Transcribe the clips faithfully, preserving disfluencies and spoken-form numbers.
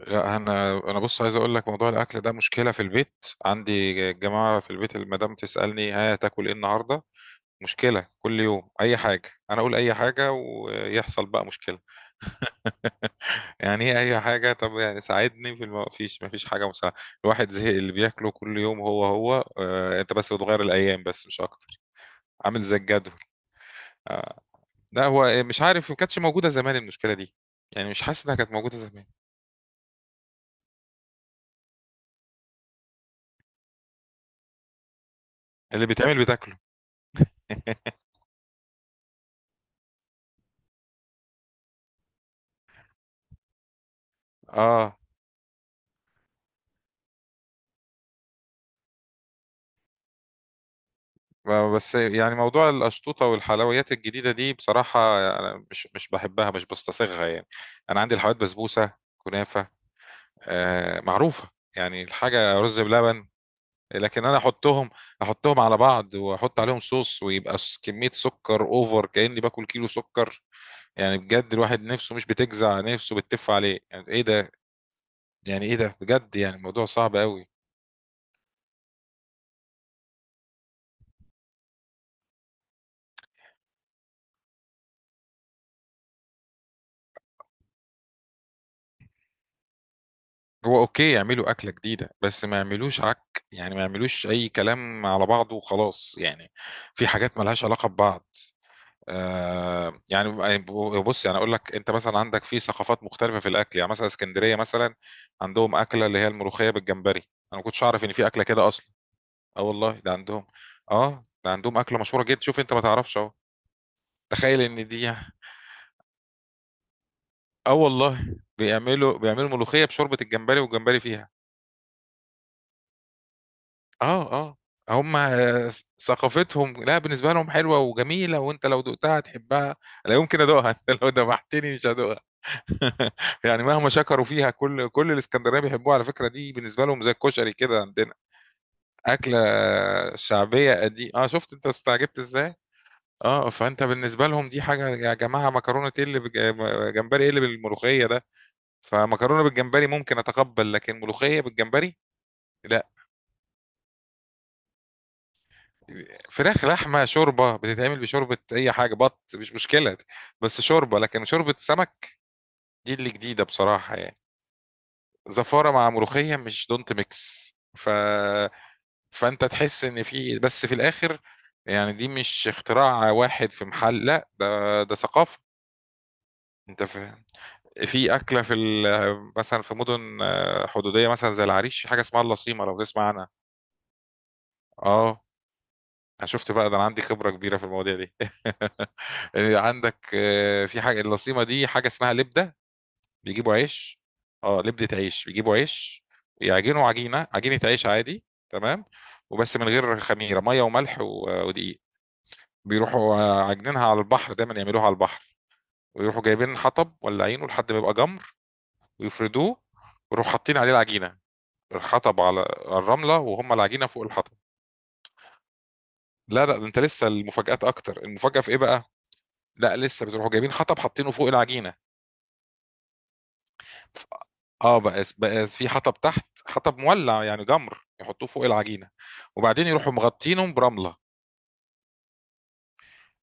لا، انا انا بص عايز اقول لك، موضوع الاكل ده مشكله في البيت. عندي جماعه في البيت، المدام تسالني: ها تاكل ايه النهارده؟ مشكله كل يوم، اي حاجه، انا اقول اي حاجه ويحصل بقى مشكله. يعني ايه اي حاجه؟ طب يعني ساعدني، في الم... فيش مفيش حاجه مساعده. الواحد زهق اللي بياكله كل يوم هو هو، آه انت بس بتغير الايام بس مش اكتر. عامل زي الجدول. لا، هو مش عارف، ما كانتش موجوده زمان المشكله دي. يعني مش حاسس انها كانت موجوده زمان. اللي بيتعمل بتاكله. اه. بس يعني موضوع الأشطوطة والحلويات الجديدة دي، بصراحة أنا مش مش بحبها، مش بستصاغها يعني. أنا عندي الحلويات، بسبوسة، كنافة، آه، معروفة. يعني الحاجة رز بلبن. لكن أنا أحطهم، أحطهم على بعض وأحط عليهم صوص ويبقى س- كمية سكر أوفر، كأني باكل كيلو سكر. يعني بجد الواحد نفسه مش بتجزع، نفسه بتف عليه، يعني إيه ده؟ يعني إيه ده بجد؟ يعني الموضوع صعب قوي. هو اوكي يعملوا اكله جديده، بس ما يعملوش عك، يعني ما يعملوش اي كلام على بعضه وخلاص يعني. في حاجات ملهاش علاقه ببعض. آه يعني. بص يعني اقول لك، انت مثلا عندك في ثقافات مختلفه في الاكل، يعني مثلا اسكندريه مثلا، عندهم اكله اللي هي الملوخيه بالجمبري، انا ما كنتش اعرف ان في اكله كده اصلا. اه والله ده عندهم. اه، ده عندهم اكله مشهوره جدا. شوف انت ما تعرفش اهو. تخيل ان دي. اه والله بيعملوا بيعملوا ملوخيه بشوربه الجمبري والجمبري فيها. آه، آه. هم. ث ثقافتهم، لأ، بالنسبة لهم حلوة وجميلة، وأنت لو دُقتها هتحبها. لا يمكن أدوقها، أنت لو دَبَحتني مش هادوقها. يعني مهما شكروا فيها، كل كل الإسكندرانية بيحبوها، على فكرة دي بالنسبة لهم زي الكشري كده عندنا، أكلة شعبية قدي آه، شُفت أنت استعجبت إزاي؟ آه، فأنت بالنسبة لهم دي حاجة، يا جماعة مكرونة إيه اللي بج م جمبري، إيه اللي بالملوخية ده؟ فمكرونة بالجمبري ممكن أتقبّل، لكن ملوخية بالجمبري لأ. فراخ، لحمه، شوربه بتتعمل بشوربه اي حاجه، بط مش مشكله. بس شوربه، لكن شوربه سمك، دي اللي جديده بصراحه يعني. زفاره مع ملوخيه مش دونت ميكس. ف... فانت تحس ان في، بس في الاخر يعني، دي مش اختراع واحد في محل، لا ده ده ثقافه. انت فاهم؟ في اكله في ال... مثلا في مدن آه، حدوديه مثلا زي العريش، في حاجه اسمها اللصيمه لو تسمع عنها. اه، أنا شُفت بقى ده، أنا عندي خبرة كبيرة في المواضيع دي. آآ عندك آآ في حاجة، اللصيمة دي حاجة اسمها لِبدة. بيجيبوا عيش. آه، لِبدة عيش، بيجيبوا عيش يعجنوا عجينة، عجينة عيش عادي، تمام، وبس من غير خميرة، مَيّة وملح و ودقيق. بيروحوا آه، عاجنينها على البحر، دايمًا يعملوها على البحر، ويروحوا جايبين حطب ولّاعينه لحد ما يبقى جَمْر، ويفردوه، ويروحوا حاطين عليه العجينة، الحطب على على الرملة، وهُم العجينة فوق الحطب. لا، لأ، ده أنت لسه المفاجآت أكتر، المفاجأة في إيه بقى؟ لا، لسه بتروحوا جايبين حطب حاطينه فوق العجينه. ف- اه بقى بقى في حطب تحت، حطب مولع يعني جمر، يحطوه فوق العجينه. وبعدين يروحوا مغطينهم برمله.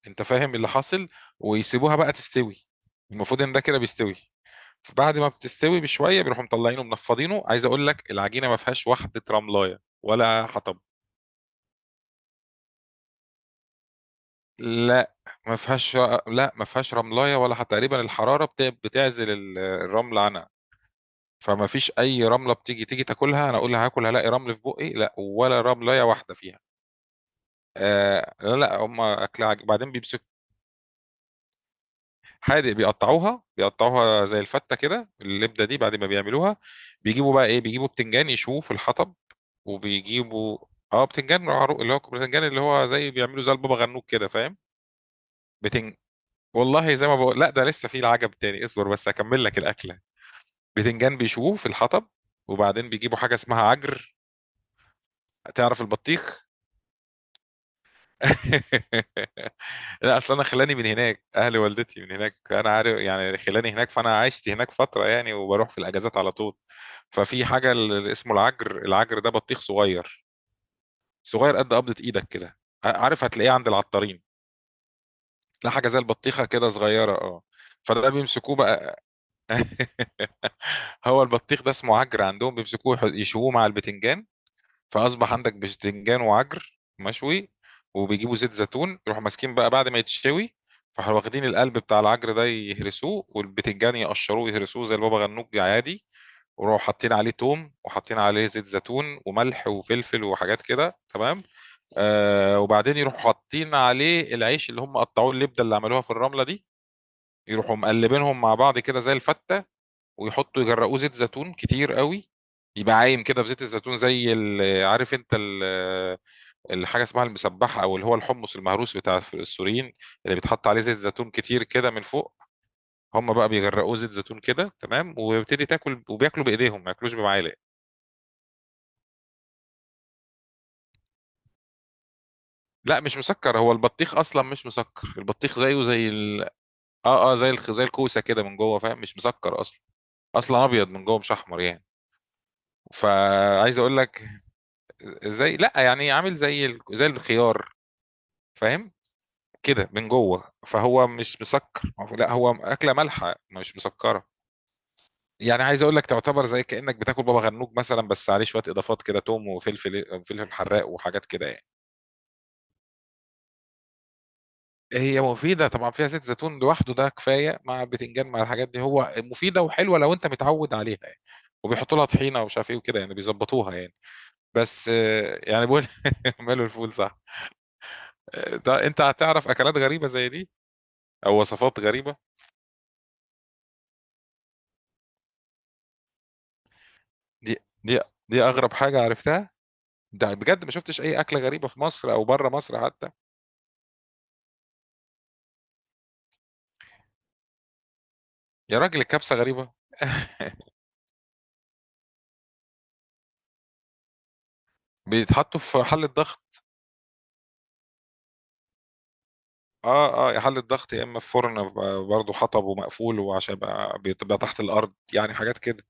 انت فاهم اللي حاصل؟ ويسيبوها بقى تستوي. المفروض ان ده كده بيستوي. بعد ما بتستوي بشويه بيروحوا مطلعينه منفضينه، عايز اقول لك العجينه ما فيهاش واحده رملايه ولا حطب. لا، ما فيهاش. لا، ما فيهاش رملايه ولا حتى، تقريبا الحراره بت- بتعزل ال- الرمل عنها. فما فيش اي رمله، بتيجي تيجي تاكلها، انا اقول لها هاكل هلاقي رمل في بقي، لا ولا رمله واحده فيها. آه، لا لا، هم اكلها عج- بعدين بيمسك. حادق، بيقطعوها بيقطعوها زي الفته كده، اللبده دي بعد ما بيعملوها، بيجيبوا بقى ايه، بيجيبوا بتنجان يشوه في الحطب. وبيجيبوا، اه، بتنجان، عرو- اللي هو بتنجان اللي هو زي بيعملوا زي البابا غنوج كده، فاهم؟ بتنج والله زي ما بقول، لا ده لسه في العجب تاني، اصبر بس اكمل لك الاكله. بتنجان بيشوه في الحطب، وبعدين بيجيبوا حاجه اسمها عجر. تعرف البطيخ؟ لأ، أصل أنا خلّاني من هناك، أهل والدتي من هناك، أنا عارف يعني خلّاني هناك، فأنا عِشت هناك فترة يعني وباروح في الأجازات على طول. ففي حاجة ال اسمه العجْر، العجْر ده بطيخ صغيّر، صغيّر قد قبضة إيدك كده. ع عارف، هتلاقيه عند العطّارين، تلاقي حاجة زي البطيخة كده صغيّرة آه، فده بيمسكوه بقى. هو البطيخ ده اسمه عجْر عندهم، بيمسكوه يح يشووه مع البتنجان. فأصبح عندك بتنجان وعجر مشوي، وبيجيبوا زيت زيتون، يروحوا ماسكين بقى بعد ما يتشوي، فراحوا واخدين القلب بتاع العجر ده يهرسوه، والبتنجان يقشروه يهرسوه زي البابا غنوج عادي. وراحوا حاطين عليه توم وحاطين عليه زيت زيتون وملح وفلفل وحاجات كده، تمام، آه، وبعدين يروحوا حاطين عليه العيش اللي هم قطعوه، اللبده اللي عملوها في الرمله دي، يروحوا مقلبينهم مع بعض كده زي الفته، ويحطوا يجرقوه زيت زيتون كتير قوي، يبقى عايم كده في زيت الزيتون، زي ال- عارف انت ال- الحاجه اسمها المسبحه او اللي هو الحمص المهروس بتاع السوريين، اللي بيتحط عليه زيت زيتون كتير كده من فوق. هم بقى بيغرقوه زيت زيتون كده، تمام، ويبتدي تاكل، وبياكلوا بايديهم ما ياكلوش بمعالق. لا مش مسكر، هو البطيخ اصلا مش مسكر، البطيخ زيه زي ال... اه اه، زي الخ... زي الكوسه كده من جوه، فاهم مش مسكر اصلا. اصلا ابيض من جوه مش احمر يعني. فعايز اقول لك زي، لا يعني، عامل زي ال... زي الخيار، فاهم؟ كده من جوه، فهو مش مسكر. لا، هو اكله مالحه مش مسكره. يعني عايز اقول لك، تعتبر زي كانك بتاكل بابا غنوج مثلا، بس عليه شويه اضافات كده، توم وفلفل، فلفل حراق، وحاجات كده يعني. هي مفيده طبعا، فيها زيت زيتون لوحده ده كفايه، مع البتنجان مع الحاجات دي، هو مفيده وحلوه لو انت متعود عليها يعني. وبيحطوا لها طحينه ومش عارف ايه وكده، يعني بيظبطوها يعني. بس آه، يعني بقول، ماله الفول، صح. آه، ده انت هتعرف اكلات غريبه زي دي، او وصفات غريبه. دي دي دي اغرب حاجه عرفتها. ده بجد ما شفتش اي اكله غريبه في مصر او بره مصر حتى. يا راجل الكبسه غريبه؟ بيتحطّوا في حلّة ضغط. آه، آه، يا حلّة ضغط يا إمّا في فرن، ب برضه حطب ومقفول، وعشان يبقى بتبقى تحت الأرض، يعني حاجات كده.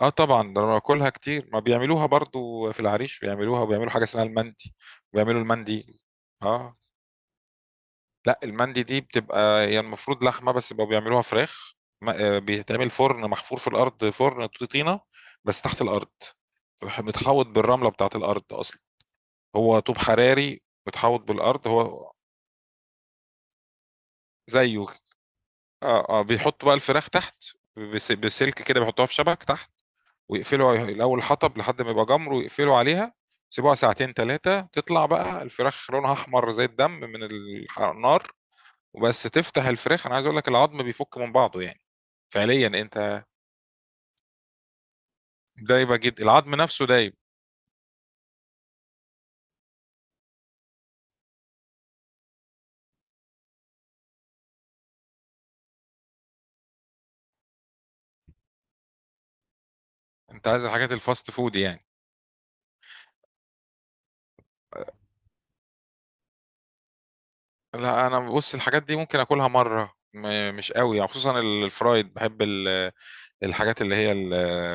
آه طبعًا، ده أنا باكلها كتير، ما بيعملوها برضه في العريش، بيعملوها وبيعملوا حاجة اسمها المندي، وبيعملوا المندي. آه، لأ، المندي دي بتبقى هي المفروض لحمة، بس بقوا بيعملوها فراخ. م آآ، بيتعمل فرن محفور في الأرض، فرن ط طينة، بس تحت الأرض، مح متحوّط بالرملة بتاعة الأرض أصلًا، هو طوب حراري متحوّط بالأرض، هو زيّه. اه، اه، بيحطوا بقى الفراخ تحت، بس- بسلك كده بيحطوها في شبك تحت، ويقفلوا الاول حطب لحد ما يبقى جمر، ويقفلوا عليها. يسيبوها ساعتين ثلاثه، تطلع بقى الفراخ لونها احمر زي الدم من الح- النار. وبس تفتح الفراخ، انا عايز اقول لك، العظم بيفك من بعضه يعني. فعليا انت، دايبه جدا، العظم نفسه دايب. انت عايز الحاجات الفاست فود يعني؟ لا، انا بص، الحاجات دي ممكن اكلها مره، م- مش قوي يعني، خصوصا الفرايد بحب، الحاجات اللي هي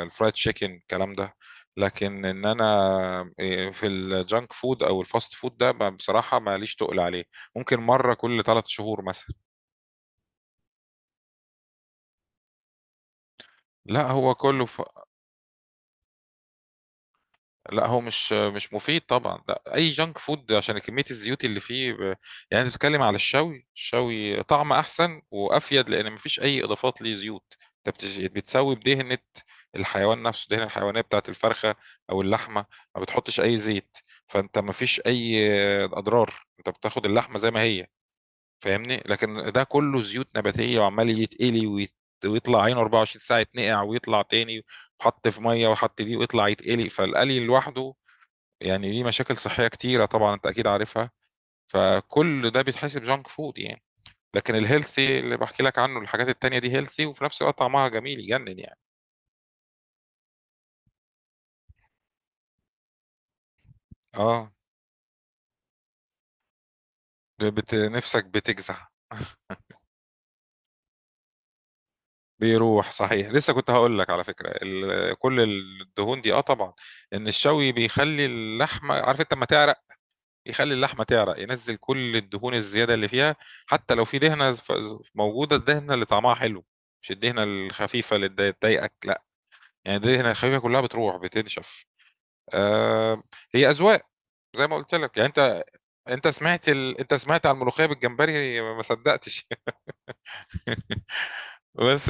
الفرايد تشيكن الكلام ده. لكن ان انا إيه، في الجانك فود او الفاست فود ده، ب- بصراحه ماليش تقل عليه. ممكن مره كل ثلاث شهور مثلا. لا هو كله ف... لا، هو مش مش مفيد طبعا، لا اي جانك فود، عشان كميه الزيوت اللي فيه ب... يعني انت بتتكلم على الشوي، الشوي طعم احسن وافيد، لان مفيش اي اضافات ليه زيوت. انت بتش... بتسوي بدهنه، الحيوان نفسه دهنه الحيوانيه بتاعت الفرخه او اللحمه، ما بتحطش اي زيت. فانت مفيش اي اضرار، انت بتاخد اللحمه زي ما هي، فاهمني. لكن ده كله زيوت نباتيه وعمال يتقلي ويت... ويطلع عينه اربع وعشرين ساعه، يتنقع ويطلع تاني، وحط في ميه وحط دي، ويطلع يتقلي، فالقلي لوحده يعني ليه مشاكل صحية كتيرة طبعا، انت اكيد عارفها، فكل ده بيتحسب جانك فود يعني. لكن الهيلثي اللي بحكي لك عنه، الحاجات التانية دي هيلثي، وفي نفس الوقت طعمها جميل يجنن يعني. اه بت... نفسك بتجزع. بيروح صحيح، لسه كنت هقول لك على فكرة ال... كل الدهون دي، اه طبعا، ان الشوي بيخلي اللحمة، عارف انت لما تعرق يخلي اللحمة تعرق، ينزل كل الدهون الزيادة اللي فيها. حتى لو في دهنة ف- موجودة، الدهنة اللي طعمها حلو، مش الدهنة الخفيفة اللي تضايقك، لا. يعني دي هنا الخفيفة كلها بتروح، بتنشف. آه، هي أذواق، زي ما قلت لك يعني. انت انت سمعت ال... انت سمعت على الملوخية بالجمبري، ما صدقتش. بس